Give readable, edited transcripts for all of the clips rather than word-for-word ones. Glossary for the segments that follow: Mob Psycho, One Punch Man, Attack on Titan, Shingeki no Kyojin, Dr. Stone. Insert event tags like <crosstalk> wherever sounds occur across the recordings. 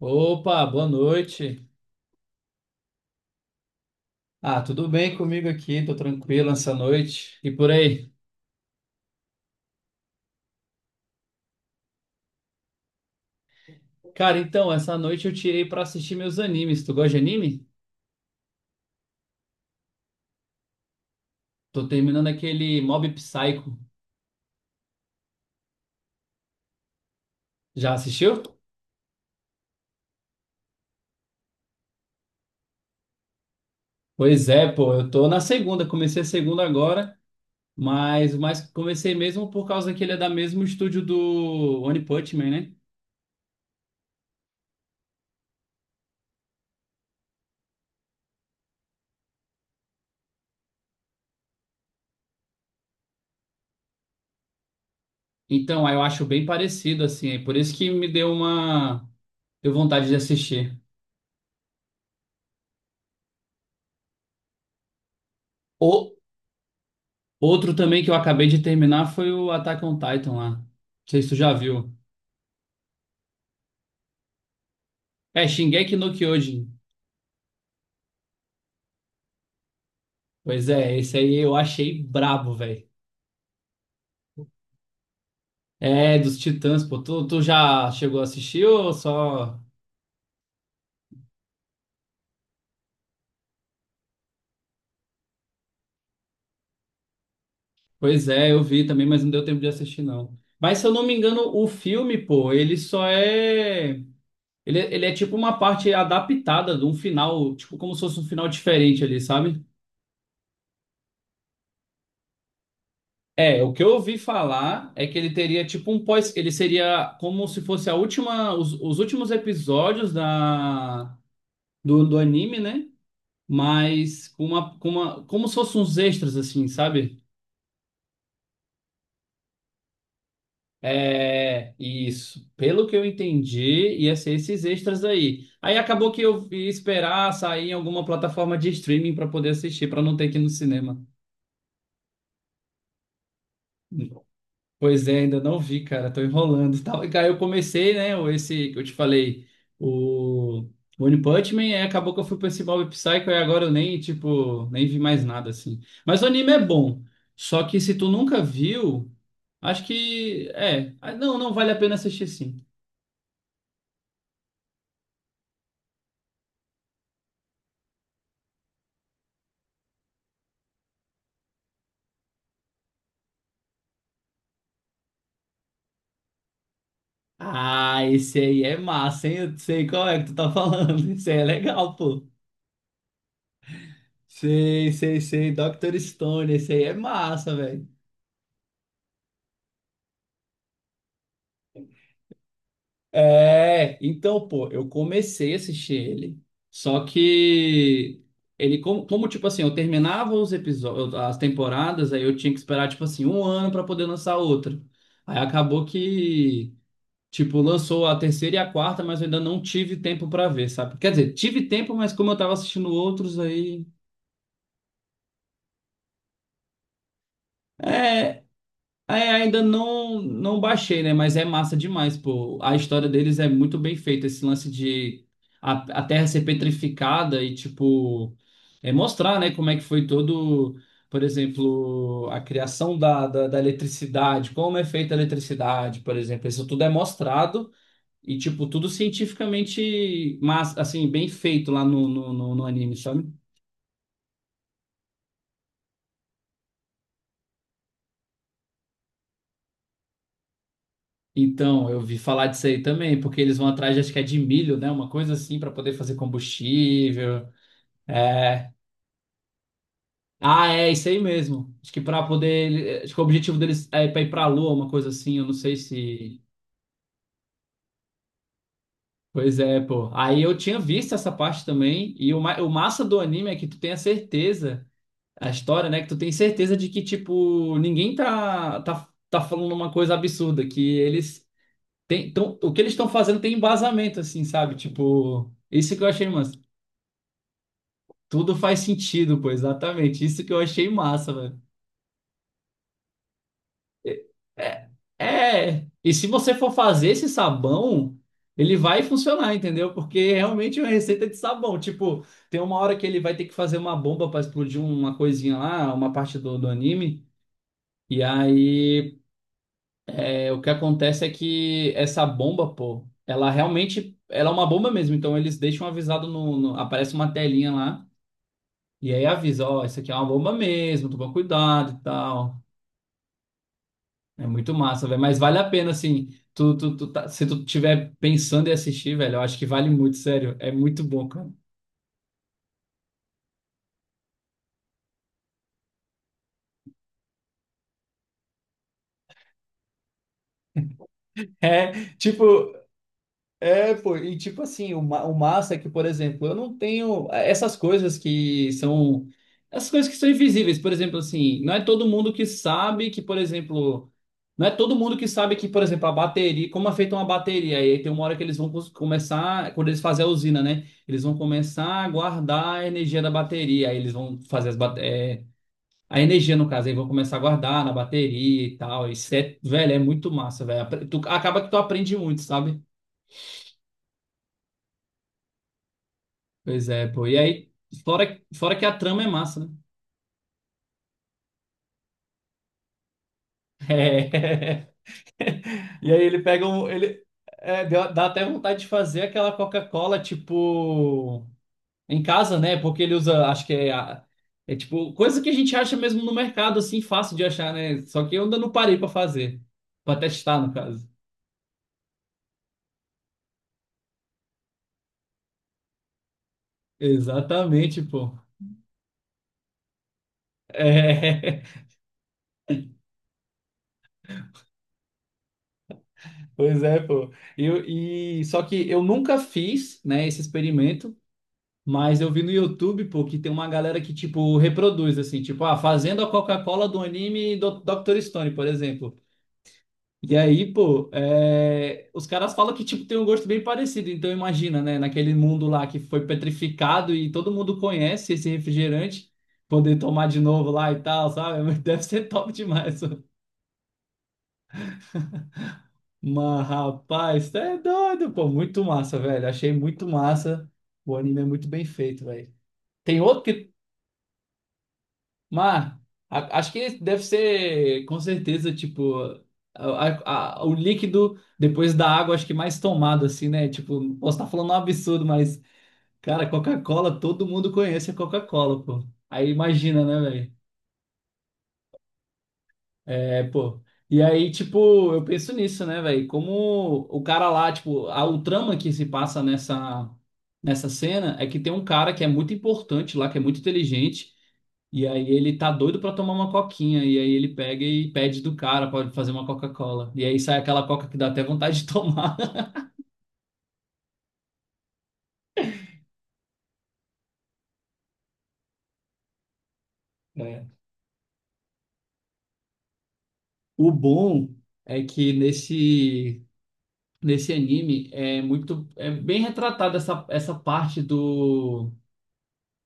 Opa, boa noite. Ah, tudo bem comigo aqui? Tô tranquilo essa noite. E por aí? Cara, então, essa noite eu tirei pra assistir meus animes. Tu gosta de anime? Tô terminando aquele Mob Psycho. Já assistiu? Pois é, pô, eu tô na segunda, comecei a segunda agora, mas comecei mesmo por causa que ele é da mesmo estúdio do One Punch Man, né? Então, aí eu acho bem parecido, assim, é por isso que me deu deu vontade de assistir. Ou Outro também que eu acabei de terminar foi o Attack on Titan lá. Não sei se tu já viu. É, Shingeki no Kyojin. Pois é, esse aí eu achei brabo, velho. É, dos Titãs, pô. Tu já chegou a assistir ou só... Pois é, eu vi também, mas não deu tempo de assistir, não. Mas se eu não me engano, o filme, pô, ele só é... Ele é tipo uma parte adaptada de um final, tipo como se fosse um final diferente ali, sabe? É, o que eu ouvi falar é que ele teria tipo um pós, ele seria como se fosse a última, os últimos episódios da do anime, né? Mas como se fossem uns extras assim, sabe? É, isso. Pelo que eu entendi, ia ser esses extras aí. Aí acabou que eu ia esperar sair em alguma plataforma de streaming para poder assistir, para não ter que ir no cinema. Pois é, ainda não vi, cara, tô enrolando e tal. E cara, eu comecei, né, esse que eu te falei, o One Punch Man, e acabou que eu fui pra esse Mob Psycho e agora eu nem, tipo, nem vi mais nada, assim. Mas o anime é bom, só que se tu nunca viu, acho que, é, ah, não vale a pena assistir sim. Ah, esse aí é massa, hein? Eu sei qual é que tu tá falando, <laughs> esse aí é legal, pô. Sei, sei, sei, Dr. Stone, esse aí é massa, velho. É, então, pô, eu comecei a assistir ele. Só que ele, tipo assim, eu terminava os episódios, as temporadas, aí eu tinha que esperar, tipo assim, um ano pra poder lançar outra. Aí acabou que, tipo, lançou a terceira e a quarta, mas eu ainda não tive tempo pra ver, sabe? Quer dizer, tive tempo, mas como eu tava assistindo outros aí. É. É, ainda não, baixei, né? Mas é massa demais, pô. A história deles é muito bem feita. Esse lance de a, a Terra ser petrificada e, tipo, é mostrar, né, como é que foi todo, por exemplo, a criação da eletricidade, como é feita a eletricidade, por exemplo. Isso tudo é mostrado e, tipo, tudo cientificamente, mas, assim, bem feito lá no anime, sabe? Então, eu vi falar disso aí também, porque eles vão atrás, acho que é de milho, né? Uma coisa assim, para poder fazer combustível. É. Ah, é isso aí mesmo. Acho que para poder. Acho que o objetivo deles é para ir para a Lua, uma coisa assim. Eu não sei se. Pois é, pô. Aí eu tinha visto essa parte também. E o massa do anime é que tu tem a certeza, a história, né? Que tu tem certeza de que, tipo, ninguém tá falando uma coisa absurda, que eles tem, então, o que eles estão fazendo tem embasamento, assim, sabe? Tipo, isso que eu achei massa. Tudo faz sentido, pô, exatamente. Isso que eu achei massa, velho. É, é. E se você for fazer esse sabão, ele vai funcionar, entendeu? Porque realmente é uma receita de sabão. Tipo, tem uma hora que ele vai ter que fazer uma bomba para explodir uma coisinha lá, uma parte do anime. E aí, é, o que acontece é que essa bomba, pô, ela realmente, ela é uma bomba mesmo. Então, eles deixam avisado aparece uma telinha lá. E aí avisa, ó, isso aqui é uma bomba mesmo, toma cuidado e tal. É muito massa, velho. Mas vale a pena, assim, se tu tiver pensando em assistir, velho, eu acho que vale muito, sério. É muito bom, cara. É, tipo, é, pô, e tipo assim, o massa é que, por exemplo, eu não tenho é, essas coisas que são. Essas coisas que são invisíveis, por exemplo, assim, não é todo mundo que sabe que, por exemplo. Não é todo mundo que sabe que, por exemplo, a bateria, como é feita uma bateria, e aí tem uma hora que eles vão começar, quando eles fazem a usina, né? Eles vão começar a guardar a energia da bateria, aí eles vão fazer a energia, no caso, aí vão começar a guardar na bateria e tal. Isso é, velho, é muito massa, velho. Tu, acaba que tu aprende muito, sabe? Pois é, pô. E aí, fora que a trama é massa, né? É. <laughs> E aí ele pega um. Dá até vontade de fazer aquela Coca-Cola, tipo, em casa, né? Porque ele usa, acho que é, é tipo, coisa que a gente acha mesmo no mercado, assim, fácil de achar, né? Só que eu ainda não parei pra fazer. Pra testar, no caso. Exatamente, pô. É, <laughs> pois é, pô. E só que eu nunca fiz, né, esse experimento. Mas eu vi no YouTube, pô, que tem uma galera que, tipo, reproduz, assim, tipo, ah, fazendo a Coca-Cola do anime do Dr. Stone, por exemplo. E aí, pô, é, os caras falam que, tipo, tem um gosto bem parecido. Então, imagina, né, naquele mundo lá que foi petrificado e todo mundo conhece esse refrigerante, poder tomar de novo lá e tal, sabe? <laughs> Deve ser top demais, pô. Mas, rapaz, tá é doido, pô, muito massa, velho. Achei muito massa. O anime é muito bem feito, velho. Tem outro que mas acho que deve ser, com certeza, tipo, o líquido depois da água, acho que mais tomado, assim, né? Tipo, posso estar falando um absurdo, mas, cara, Coca-Cola, todo mundo conhece a Coca-Cola, pô. Aí imagina, né, velho? É, pô. E aí, tipo, eu penso nisso, né, velho? Como o cara lá, tipo, o trama que se passa nessa cena é que tem um cara que é muito importante lá, que é muito inteligente, e aí ele tá doido pra tomar uma coquinha, e aí ele pega e pede do cara pra fazer uma Coca-Cola. E aí sai aquela coca que dá até vontade de tomar. <laughs> É. O bom é que nesse anime é muito, é bem retratada essa parte do.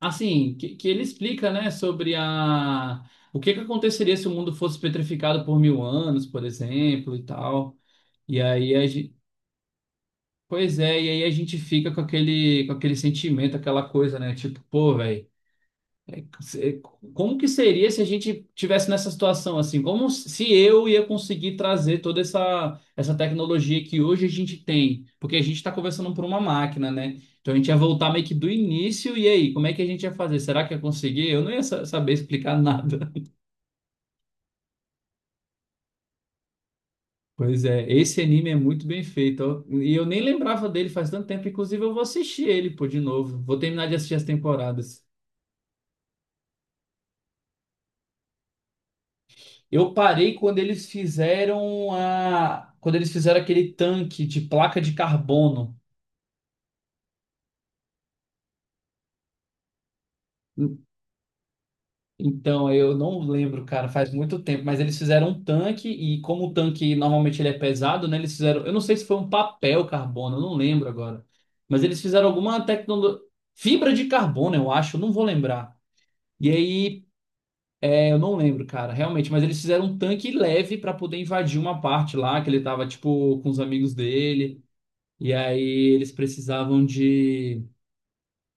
Assim, que ele explica, né, sobre a o que que aconteceria se o mundo fosse petrificado por mil anos, por exemplo, e tal. E aí a gente, pois é, e aí a gente fica com aquele sentimento, aquela coisa, né, tipo, pô, velho se- como que seria se a gente tivesse nessa situação assim? Como se eu ia conseguir trazer toda essa tecnologia que hoje a gente tem? Porque a gente está conversando por uma máquina, né? Então a gente ia voltar meio que do início, e aí, como é que a gente ia fazer? Será que ia conseguir? Eu não ia saber explicar nada. <laughs> Pois é, esse anime é muito bem feito, ó. E eu nem lembrava dele faz tanto tempo, inclusive eu vou assistir ele, pô, de novo. Vou terminar de assistir as temporadas. Eu parei quando eles fizeram quando eles fizeram aquele tanque de placa de carbono. En- Então, eu não lembro, cara, faz muito tempo, mas eles fizeram um tanque e como o tanque normalmente ele é pesado, né? Eles fizeram, eu não sei se foi um papel carbono, eu não lembro agora. Mas eles fizeram alguma tecnologia, fibra de carbono, eu acho, eu não vou lembrar. E aí, é, eu não lembro, cara, realmente, mas eles fizeram um tanque leve para poder invadir uma parte lá que ele tava tipo com os amigos dele. E aí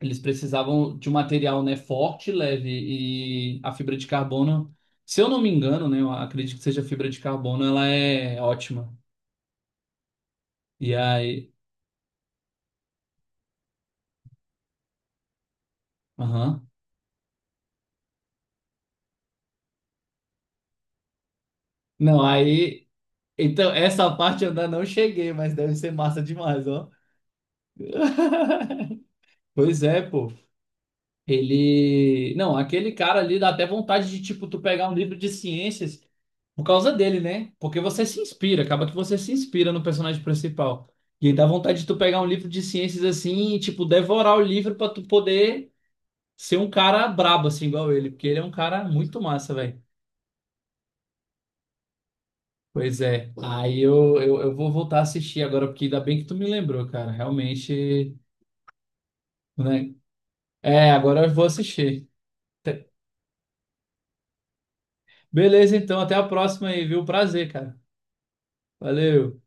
eles precisavam de um material, né, forte, leve e a fibra de carbono, se eu não me engano, né, eu acredito que seja fibra de carbono, ela é ótima. E aí, aham. Não, aí então essa parte eu ainda não cheguei, mas deve ser massa demais, ó. <laughs> Pois é, pô. Ele. Não, aquele cara ali dá até vontade de, tipo, tu pegar um livro de ciências por causa dele, né? Porque você se inspira, acaba que você se inspira no personagem principal. E aí dá vontade de tu pegar um livro de ciências assim e, tipo, devorar o livro pra tu poder ser um cara brabo, assim, igual ele. Porque ele é um cara muito massa, velho. Pois é. Aí eu vou voltar a assistir agora, porque ainda bem que tu me lembrou, cara. Realmente, né? É, agora eu vou assistir. Beleza, então. Até a próxima aí, viu? Prazer, cara. Valeu.